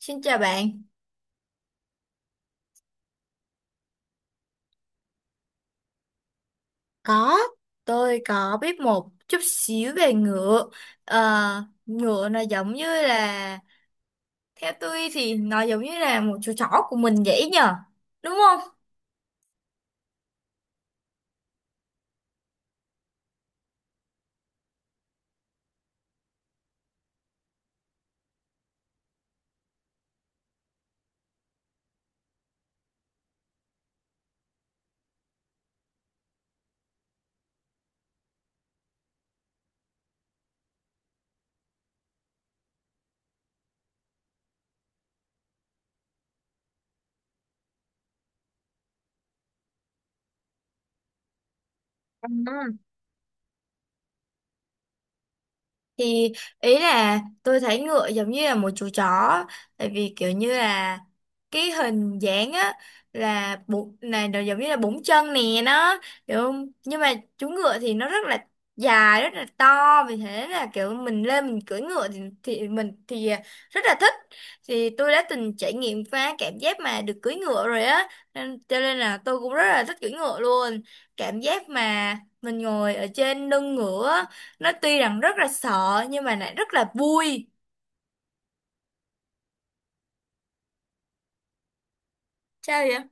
Xin chào bạn. Có, tôi có biết một chút xíu về ngựa. Ờ, ngựa nó giống như là, theo tôi thì nó giống như là một chú chó của mình vậy nhờ. Đúng không? Ừ, thì ý là tôi thấy ngựa giống như là một chú chó, tại vì kiểu như là cái hình dáng á, là bốn này nó giống như là bốn chân nè nó, hiểu không, nhưng mà chú ngựa thì nó rất là dài, rất là to, vì thế là kiểu mình lên mình cưỡi ngựa thì mình thì rất là thích. Thì tôi đã từng trải nghiệm qua cảm giác mà được cưỡi ngựa rồi á, nên cho nên là tôi cũng rất là thích cưỡi ngựa luôn. Cảm giác mà mình ngồi ở trên lưng ngựa, nó tuy rằng rất là sợ nhưng mà lại rất là vui. Sao vậy?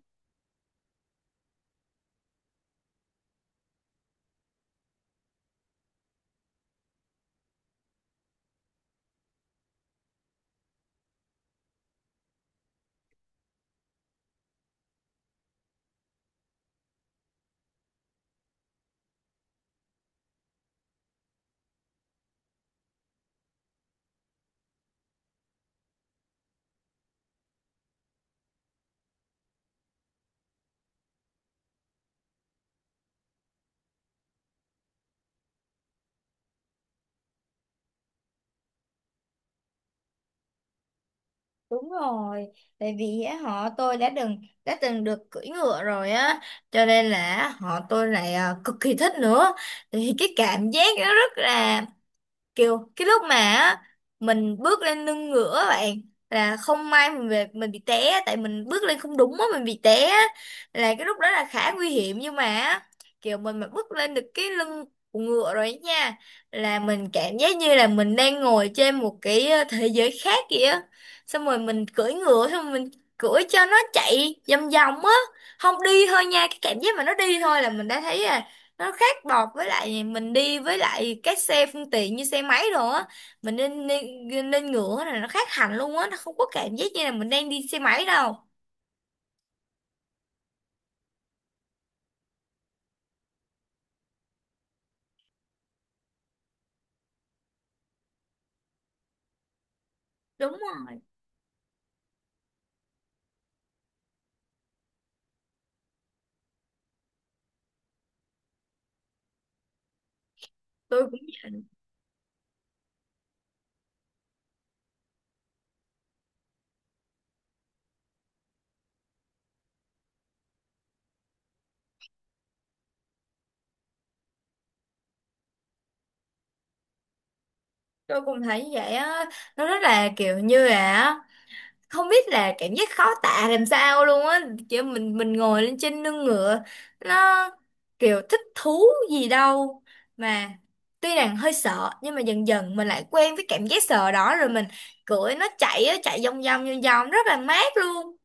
Đúng rồi, tại vì á, họ tôi đã từng được cưỡi ngựa rồi á, cho nên là họ tôi lại à, cực kỳ thích nữa. Thì cái cảm giác nó rất là kiểu cái lúc mà á, mình bước lên lưng ngựa á bạn, là không may mình về mình bị té á, tại mình bước lên không đúng á mình bị té á. Là cái lúc đó là khá nguy hiểm nhưng mà á, kiểu mình mà bước lên được cái lưng của ngựa rồi ấy nha, là mình cảm giác như là mình đang ngồi trên một cái thế giới khác vậy á. Xong rồi mình cưỡi ngựa xong rồi mình cưỡi cho nó chạy vòng vòng á, không đi thôi nha, cái cảm giác mà nó đi thôi là mình đã thấy nó khác bọt với lại mình đi với lại các xe phương tiện như xe máy rồi á. Mình nên nên, nên ngựa này nó khác hẳn luôn á, nó không có cảm giác như là mình đang đi xe máy đâu. Đúng không? Tôi cũng vậy. Tôi cũng thấy như vậy á, nó rất là kiểu như là không biết là cảm giác khó tả làm sao luôn á, kiểu mình ngồi lên trên lưng ngựa, nó kiểu thích thú gì đâu mà tuy rằng hơi sợ nhưng mà dần dần mình lại quen với cảm giác sợ đó rồi mình cưỡi nó chạy á, chạy vòng vòng vòng vòng rất là mát luôn.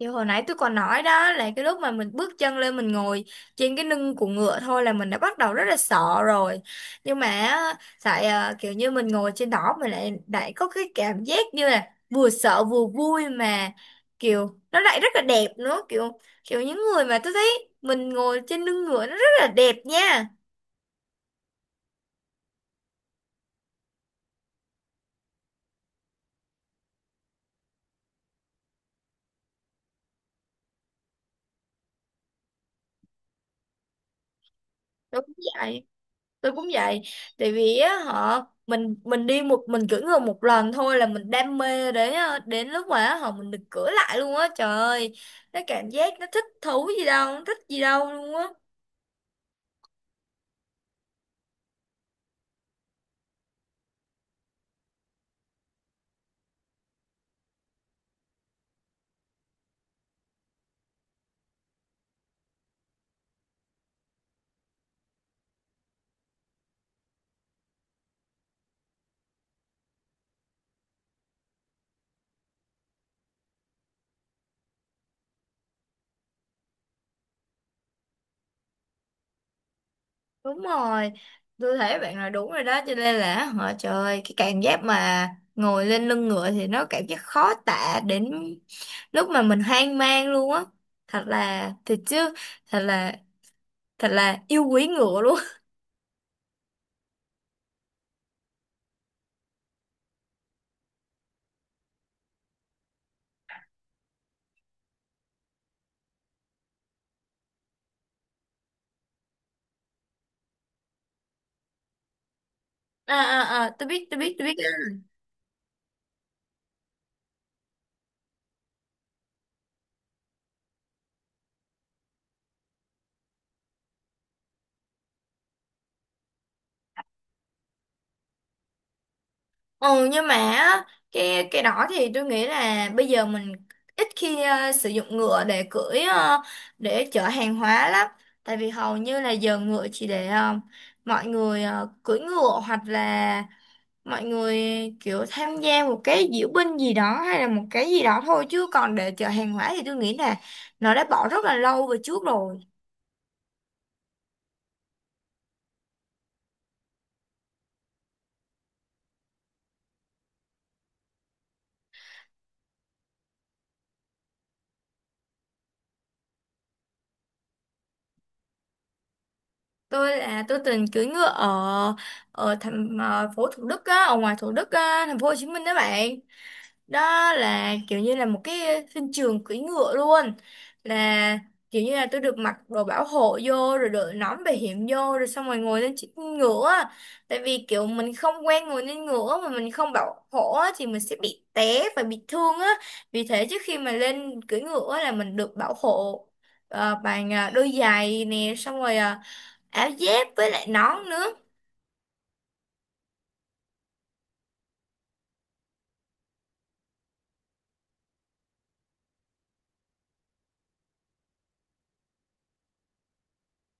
Thì hồi nãy tôi còn nói đó là cái lúc mà mình bước chân lên mình ngồi trên cái lưng của ngựa thôi là mình đã bắt đầu rất là sợ rồi. Nhưng mà á, tại à, kiểu như mình ngồi trên đó mình lại lại có cái cảm giác như là vừa sợ vừa vui, mà kiểu nó lại rất là đẹp nữa, kiểu kiểu những người mà tôi thấy mình ngồi trên lưng ngựa nó rất là đẹp nha. Đúng vậy. Tôi cũng vậy, tại vì á họ mình đi một mình cưỡi ngựa một lần thôi là mình đam mê, đến đến lúc mà á, họ mình được cưỡi lại luôn á, trời ơi, nó cảm giác nó thích thú gì đâu, nó thích gì đâu luôn á. Đúng rồi, tôi thấy bạn nói đúng rồi đó, cho nên là họ trời ơi, cái cảm giác mà ngồi lên lưng ngựa thì nó cảm giác khó tả, đến lúc mà mình hoang mang luôn á, thật là thật chứ, thật là thật là yêu quý ngựa luôn. À à à, tôi biết tôi biết tôi biết. Ừ nhưng mà á, cái đó thì tôi nghĩ là bây giờ mình ít khi sử dụng ngựa để cưỡi, để chở hàng hóa lắm, tại vì hầu như là giờ ngựa chỉ để mọi người cưỡi ngựa, hoặc là mọi người kiểu tham gia một cái diễu binh gì đó hay là một cái gì đó thôi, chứ còn để chở hàng hóa thì tôi nghĩ là nó đã bỏ rất là lâu về trước rồi. Tôi là tôi từng cưỡi ngựa ở ở thành phố Thủ Đức á, ở ngoài Thủ Đức á, thành phố Hồ Chí Minh đó bạn. Đó là kiểu như là một cái sân trường cưỡi ngựa luôn, là kiểu như là tôi được mặc đồ bảo hộ vô rồi đội nón bảo hiểm vô rồi xong rồi ngồi lên chiếc ngựa á. Tại vì kiểu mình không quen ngồi lên ngựa mà mình không bảo hộ á, thì mình sẽ bị té và bị thương á, vì thế trước khi mà lên cưỡi ngựa á là mình được bảo hộ bằng đôi giày nè, xong rồi áo dép với lại nón nữa.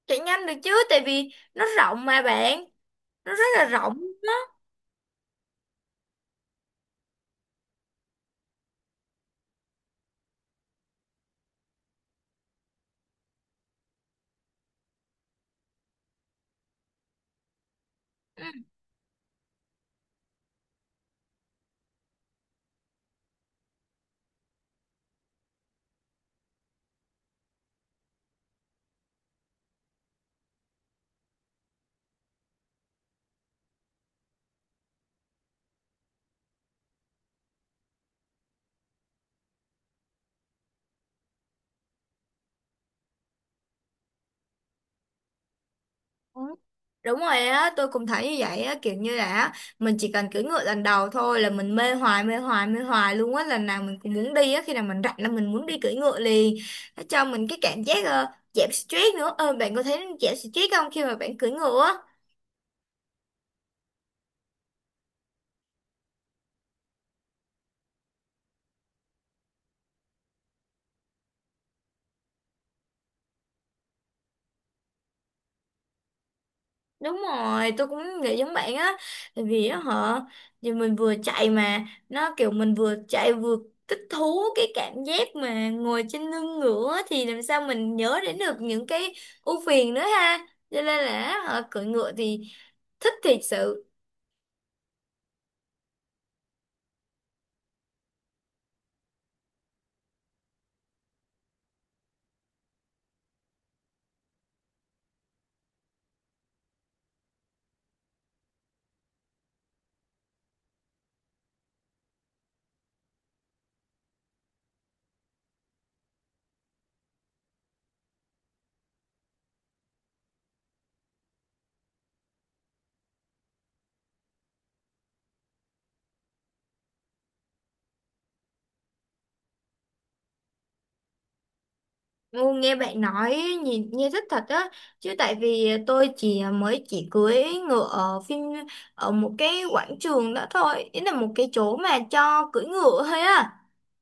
Chạy nhanh được chứ, tại vì nó rộng mà bạn, nó rất là rộng. Ừ. Ừ, đúng rồi á, tôi cũng thấy như vậy á, kiểu như là á, mình chỉ cần cưỡi ngựa lần đầu thôi là mình mê hoài mê hoài mê hoài luôn á, lần nào mình cũng muốn đi á, khi nào mình rảnh là mình muốn đi cưỡi ngựa liền. Nó cho mình cái cảm giác giảm stress nữa, bạn có thấy giảm stress không khi mà bạn cưỡi ngựa á? Đúng rồi, tôi cũng nghĩ giống bạn á. Tại vì á họ giờ mình vừa chạy mà nó kiểu mình vừa chạy vừa thích thú, cái cảm giác mà ngồi trên lưng ngựa á, thì làm sao mình nhớ đến được những cái ưu phiền nữa ha, cho nên là họ cưỡi ngựa thì thích thiệt sự. Ngu nghe bạn nói, nhìn nghe rất thật á, chứ tại vì tôi chỉ mới chỉ cưỡi ngựa ở phim, ở một cái quảng trường đó thôi, ý là một cái chỗ mà cho cưỡi ngựa thôi á,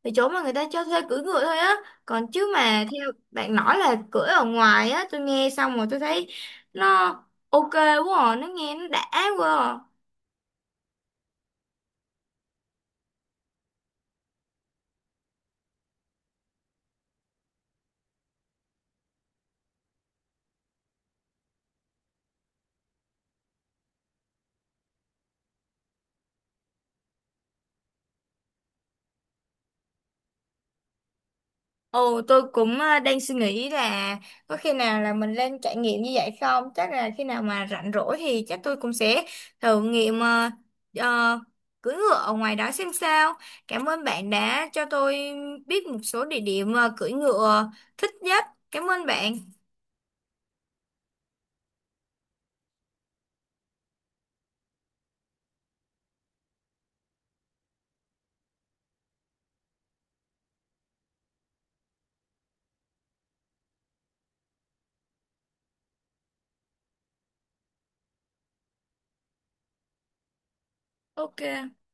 cái chỗ mà người ta cho thuê cưỡi ngựa thôi á. Còn chứ mà theo bạn nói là cưỡi ở ngoài á, tôi nghe xong rồi tôi thấy nó ok quá à. Nó nghe nó đã quá à. Ồ, tôi cũng đang suy nghĩ là có khi nào là mình lên trải nghiệm như vậy không? Chắc là khi nào mà rảnh rỗi thì chắc tôi cũng sẽ thử nghiệm ờ, cưỡi ngựa ở ngoài đó xem sao. Cảm ơn bạn đã cho tôi biết một số địa điểm cưỡi ngựa thích nhất. Cảm ơn bạn. Ok.